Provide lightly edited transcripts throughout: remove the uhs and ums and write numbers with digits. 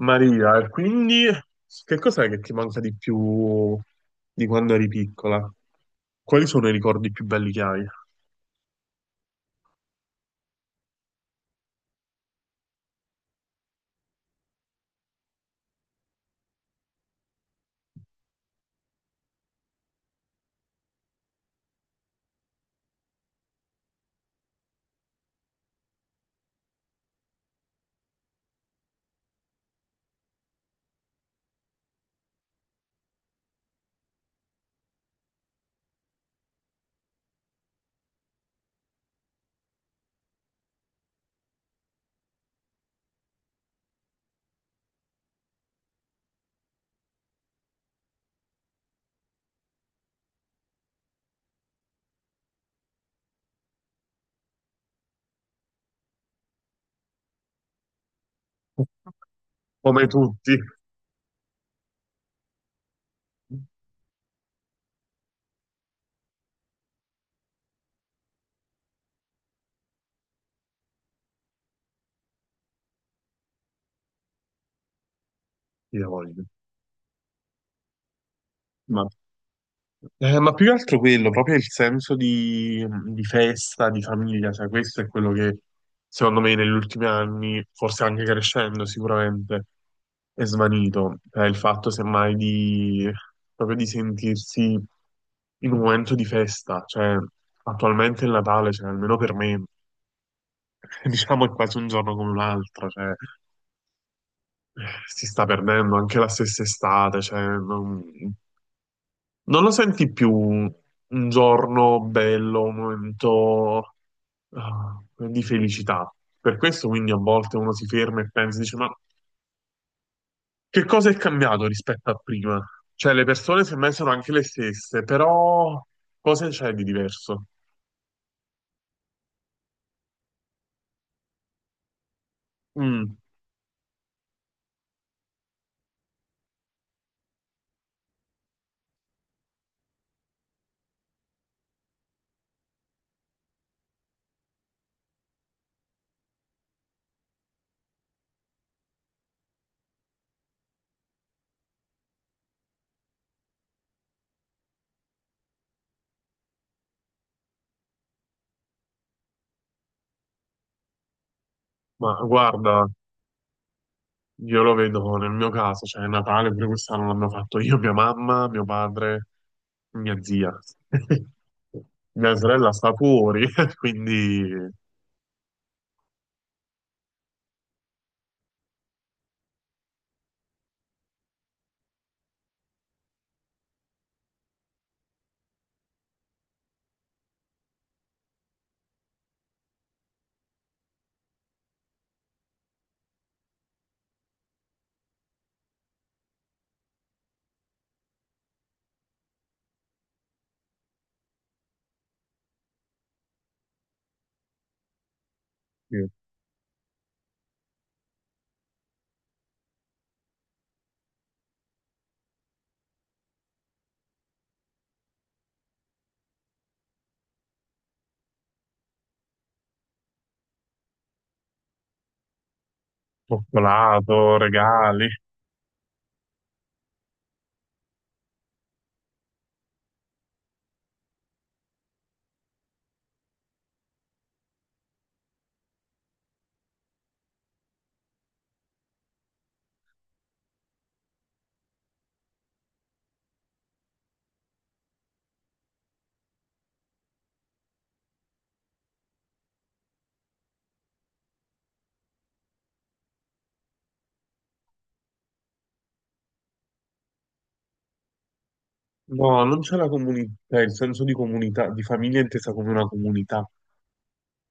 Maria, e quindi che cos'è che ti manca di più di quando eri piccola? Quali sono i ricordi più belli che hai? Come tutti, io voglio. Ma ma più che altro quello, proprio il senso di festa, di famiglia, cioè questo è quello che secondo me negli ultimi anni, forse anche crescendo sicuramente, è svanito. Cioè, il fatto semmai di, proprio di sentirsi in un momento di festa, cioè attualmente il Natale, cioè, almeno per me, diciamo è quasi un giorno come un altro, cioè, si sta perdendo anche la stessa estate, cioè, non lo senti più un giorno bello, un momento ah, di felicità. Per questo quindi a volte uno si ferma e pensa, dice, ma che cosa è cambiato rispetto a prima? Cioè le persone semmai sono anche le stesse, però cosa c'è di diverso? Mm, ma guarda, io lo vedo nel mio caso, cioè Natale pure quest'anno l'hanno fatto io, mia mamma, mio padre, mia zia. Mia sorella sta fuori, quindi... sì. Cioccolato, regali. No, non c'è la comunità, cioè, il senso di comunità, di famiglia intesa come una comunità.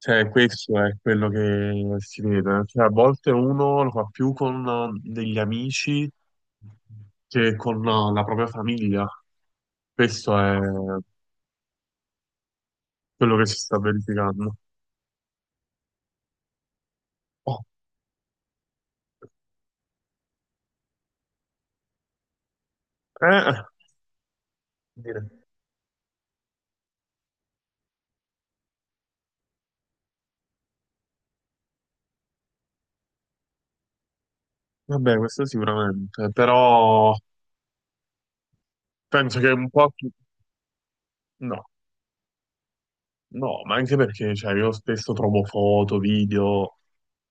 Cioè, questo è quello che si vede. Cioè, a volte uno lo fa più con degli amici che con la propria famiglia. Questo è quello che si sta verificando. Oh, eh, dire. Vabbè, questo sicuramente, però penso che un po' no. No, ma anche perché cioè, io spesso trovo foto, video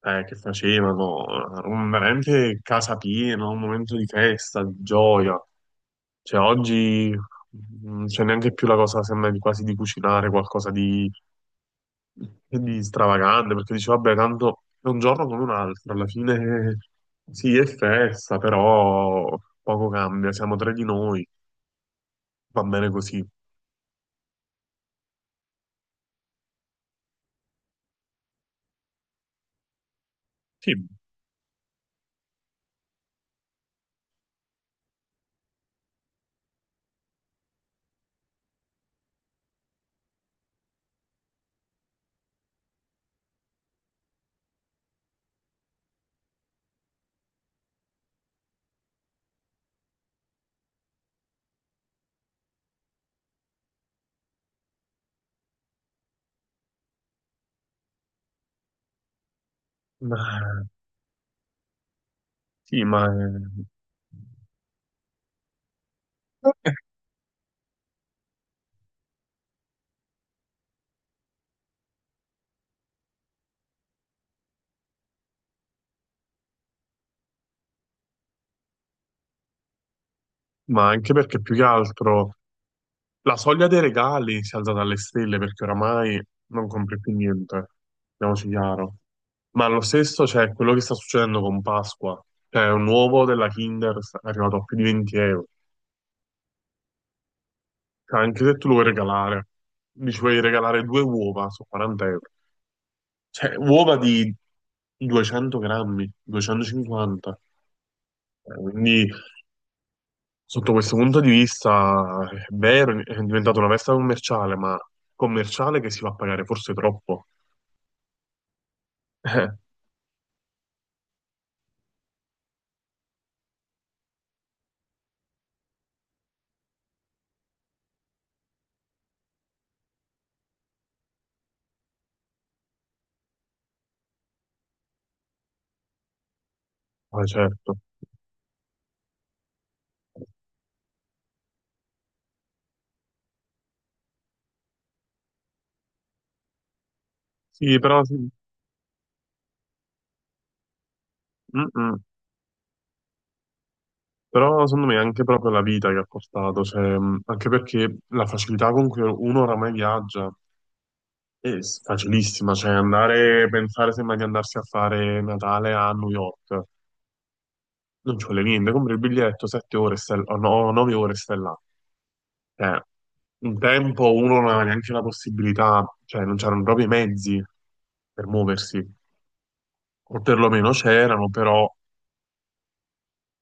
che facevano, veramente casa piena, un momento di festa, di gioia. Cioè, oggi non c'è neanche più la cosa, sembra di quasi di cucinare qualcosa di stravagante, perché dici, vabbè, tanto è un giorno come un altro, alla fine sì, è festa, però poco cambia, siamo tre di noi, va bene così. Sì, ma, sì, ma anche perché più che altro la soglia dei regali si è alzata alle stelle perché oramai non compri più niente, parliamoci chiaro. Ma lo stesso c'è quello che sta succedendo con Pasqua, cioè un uovo della Kinder è arrivato a più di 20 euro. Cioè, anche se tu lo vuoi regalare, dici vuoi regalare due uova su 40 euro, cioè uova di 200 grammi, 250. Quindi, sotto questo punto di vista, è vero, è diventata una festa commerciale, ma commerciale che si fa pagare forse troppo. Ma certo. Sì, però, sì. Mm-mm. Però secondo me è anche proprio la vita che ha portato, cioè, anche perché la facilità con cui uno oramai viaggia è facilissima, cioè andare, pensare sembra di andarsi a fare Natale a New York, non ci vuole niente, compri il biglietto, 7 ore, o no, 9 ore, e stai là. Eh, un tempo uno non aveva neanche la possibilità, cioè non c'erano proprio i mezzi per muoversi, o perlomeno c'erano, però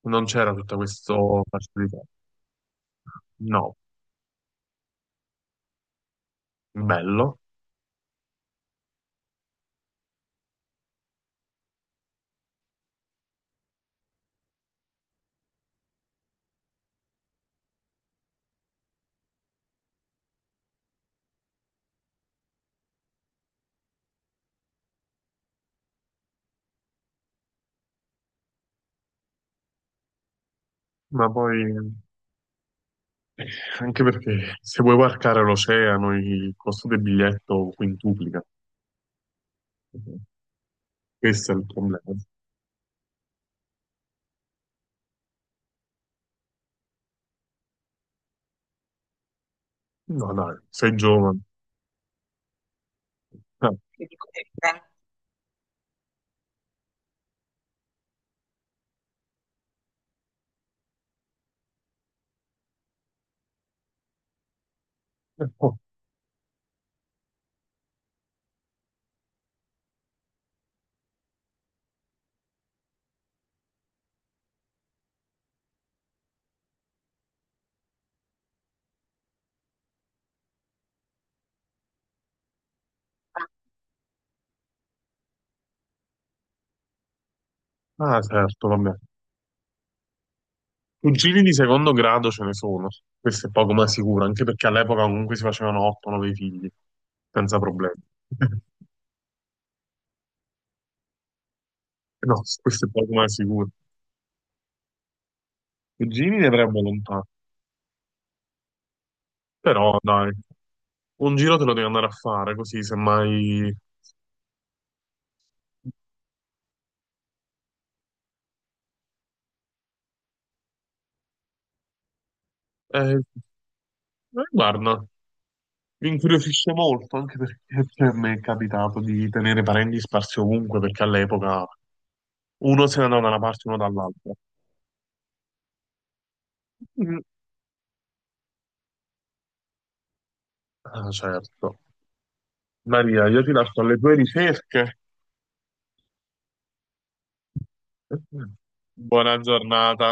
non c'era tutta questa facilità. No, bello, ma poi anche perché se vuoi varcare l'oceano il costo del biglietto quintuplica. Questo è il problema. No, dai, sei giovane. Ah, oh, ah, certo, vabbè. Cugini di secondo grado ce ne sono, questo è poco ma sicuro, anche perché all'epoca comunque si facevano 8-9 figli, senza problemi. No, questo è poco ma sicuro. Cugini ne avrei volontà, però dai, un giro te lo devi andare a fare, così semmai... Eh, eh, guarda, mi incuriosisce molto, anche perché cioè, mi è capitato di tenere parenti sparsi ovunque, perché all'epoca uno se ne andava da una parte e uno dall'altra. Mm. Ah, certo. Maria, io ti lascio alle tue ricerche. Buona giornata.